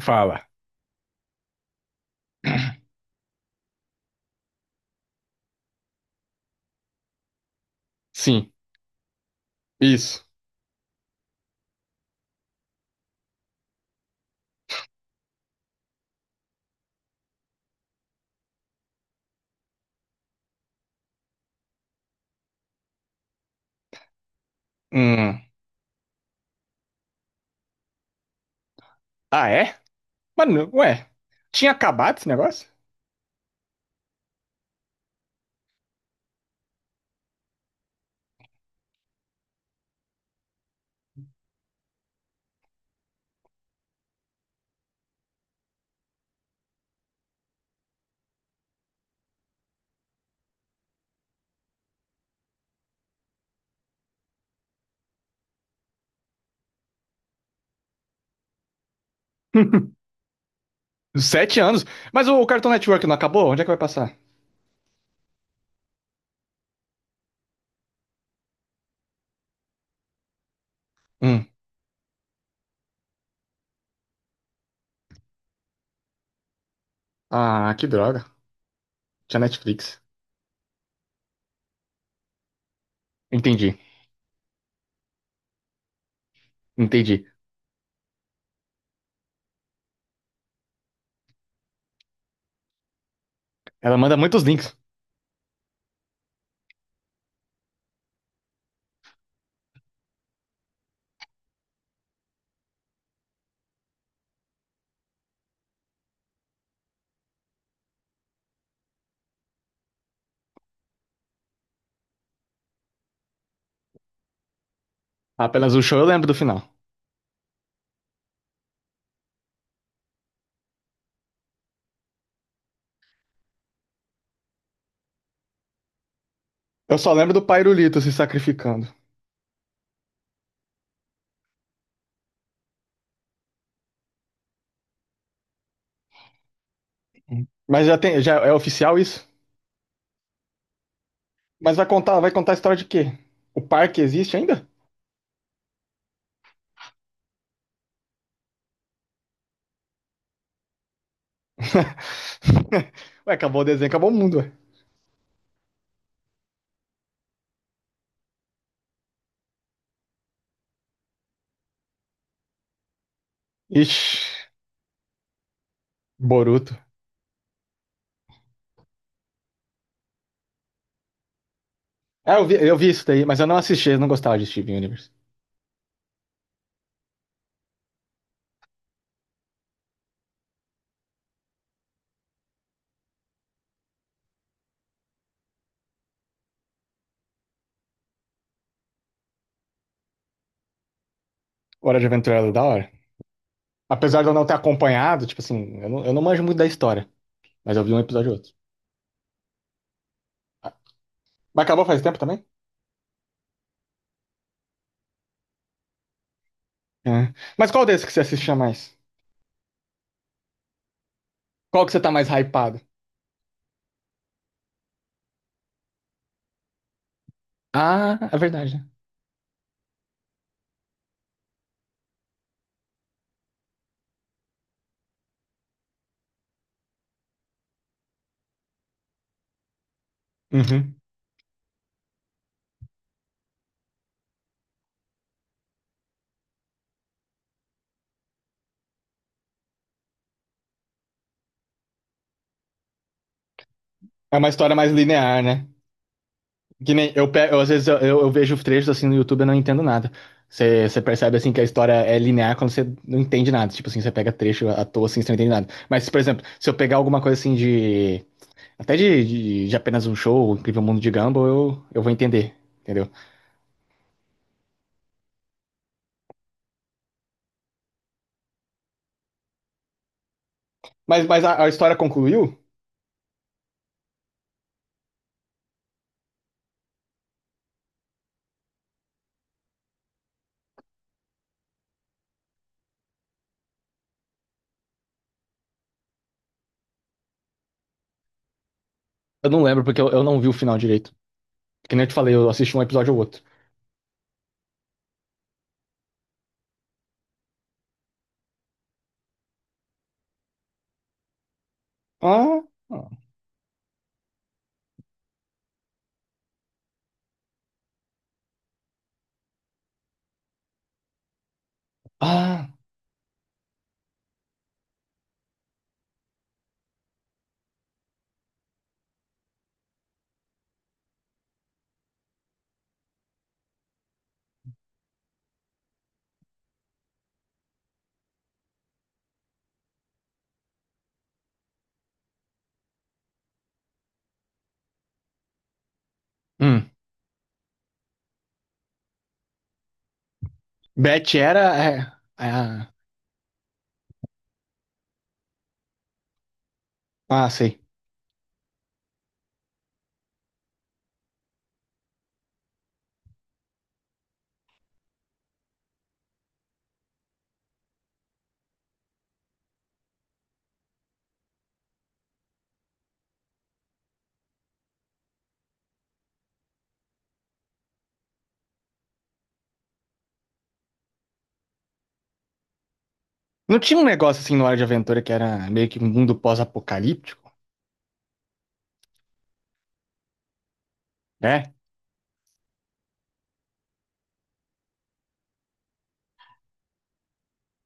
Fala. Sim, isso. Hum. Ah, é? Mano, ué. Tinha acabado esse negócio? 7 anos. Mas o Cartoon Network não acabou? Onde é que vai passar? Hum. Ah, que droga. Tinha Netflix. Entendi, entendi. Ela manda muitos links. Apenas o show eu lembro do final. Eu só lembro do Pairulito se sacrificando. Hum. Mas já é oficial isso? Mas vai contar a história de quê? O parque existe ainda? Ué, acabou o desenho, acabou o mundo, ué. Ixi, Boruto. É, eu vi isso daí, mas eu não assisti, eu não gostava de Steven Universe. Hora de Aventura era da hora. Apesar de eu não ter acompanhado, tipo assim, eu não manjo muito da história, mas eu vi um episódio ou outro. Ah, mas acabou faz tempo também? É. Mas qual desses que você assistia mais? Qual que você tá mais hypado? Ah, é verdade, né? Uhum. É uma história mais linear, né? Que nem eu, eu às vezes eu vejo trechos assim no YouTube e eu não entendo nada. Você percebe assim que a história é linear quando você não entende nada. Tipo assim, você pega trecho à toa assim, você não entende nada. Mas, por exemplo, se eu pegar alguma coisa assim de. Até de, Apenas um Show, O Incrível Mundo de Gumball, eu vou entender, entendeu? Mas a história concluiu? Eu não lembro, porque eu não vi o final direito. Que nem eu te falei, eu assisti um episódio ou outro. Ah, ah, hum. Beth era. É, é, ah, ah, sei. Não tinha um negócio assim no Hora de Aventura que era meio que um mundo pós-apocalíptico? É?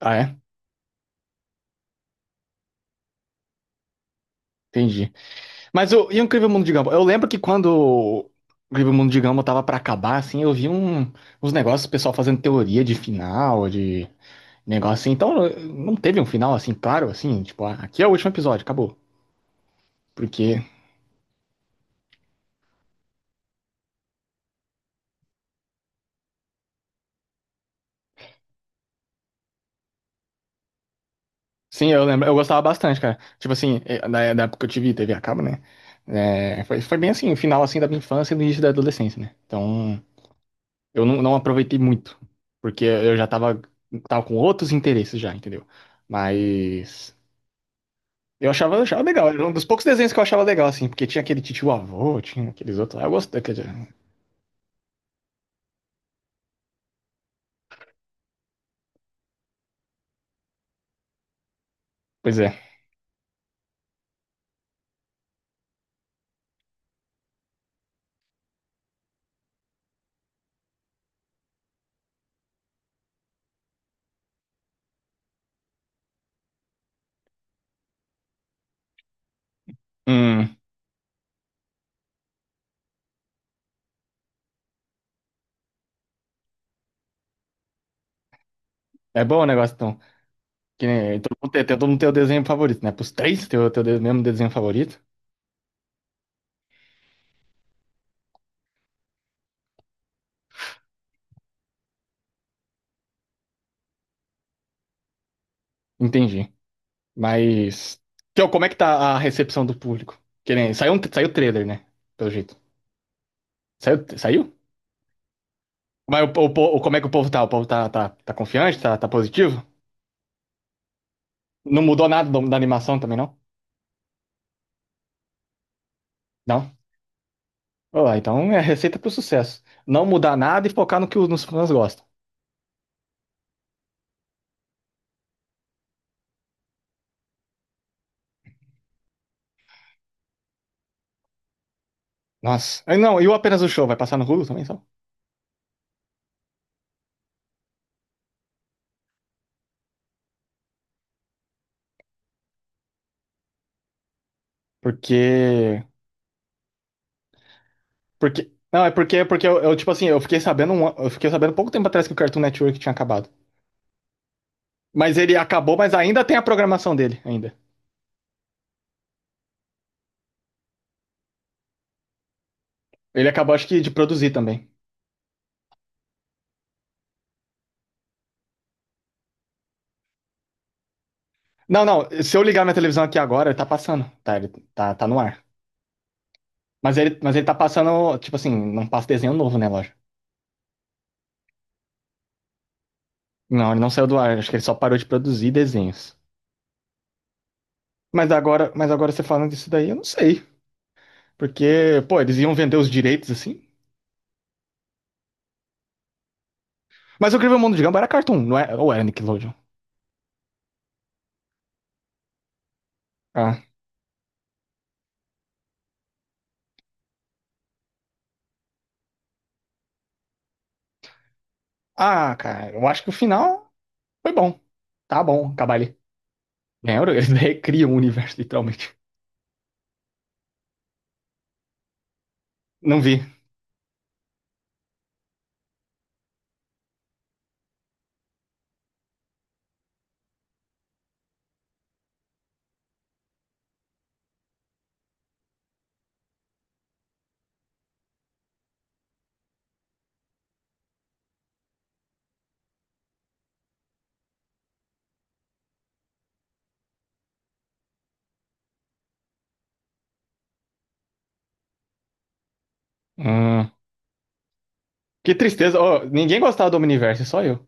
Ah, é? Entendi. E o Incrível Mundo de Gumball? Eu lembro que quando o Incrível Mundo de Gumball tava pra acabar, assim, eu vi uns negócios, o pessoal fazendo teoria de final, de. Negócio assim. Então, não teve um final assim, claro, assim, tipo, ah, aqui é o último episódio, acabou. Porque, sim, eu lembro, eu gostava bastante, cara. Tipo assim, da época que eu tive TV a cabo, né? É, foi bem assim, o final assim da minha infância e do início da adolescência, né? Então, eu não aproveitei muito, porque eu já tava com outros interesses já, entendeu? Mas eu achava legal, era um dos poucos desenhos que eu achava legal, assim, porque tinha aquele titio avô, tinha aqueles outros lá, eu gostei. Quer dizer, pois é. Hum, É bom o negócio, então. Que nem, todo mundo tem, todo mundo tem o desenho favorito, né? Pros três tem o mesmo desenho favorito. Entendi. Mas. Que, ó, como é que tá a recepção do público? Que nem, saiu o trailer, né? Pelo jeito. Saiu? Saiu? Como é que o povo tá? O povo tá confiante? Tá positivo? Não mudou nada da animação também, não? Não? Ó, então é receita pro sucesso. Não mudar nada e focar no que os nos fãs gostam. Nossa. Ah, não, e o Apenas o Show? Vai passar no Hulu também, só? Porque Porque. Não, é porque eu, tipo assim, eu fiquei sabendo pouco tempo atrás que o Cartoon Network tinha acabado. Mas ele acabou, mas ainda tem a programação dele, ainda. Ele acabou, acho que, de produzir também. Não, não, se eu ligar minha televisão aqui agora, ele tá passando. Tá, ele tá no ar. Mas ele tá passando, tipo assim, não passa desenho novo, né, lógico. Não, ele não saiu do ar, acho que ele só parou de produzir desenhos. Mas agora você falando disso daí, eu não sei. Porque, pô, eles iam vender os direitos assim. Mas o Incrível Mundo de Gumball era Cartoon, não é? Ou era Nickelodeon? ah Ah, cara, eu acho que o final foi bom. Tá bom, acabar ali. Lembra? Eles recriam o universo, literalmente. Não vi. Hum, que tristeza. Ó, ninguém gostava do Omniverse, só eu.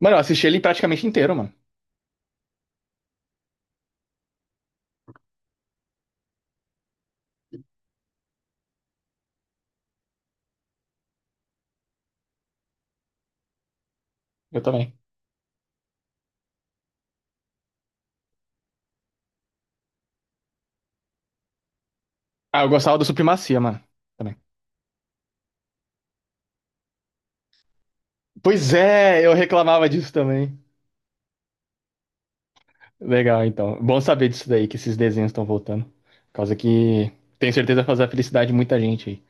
Mano, eu assisti ele praticamente inteiro, mano. Eu também. Ah, eu gostava do Supremacia, mano. Também. Pois é, eu reclamava disso também. Legal, então. Bom saber disso daí, que esses desenhos estão voltando. Por causa que tenho certeza vai fazer a felicidade de muita gente aí.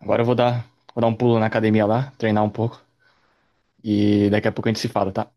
Agora eu vou dar um pulo na academia lá, treinar um pouco. E daqui a pouco a gente se fala, tá?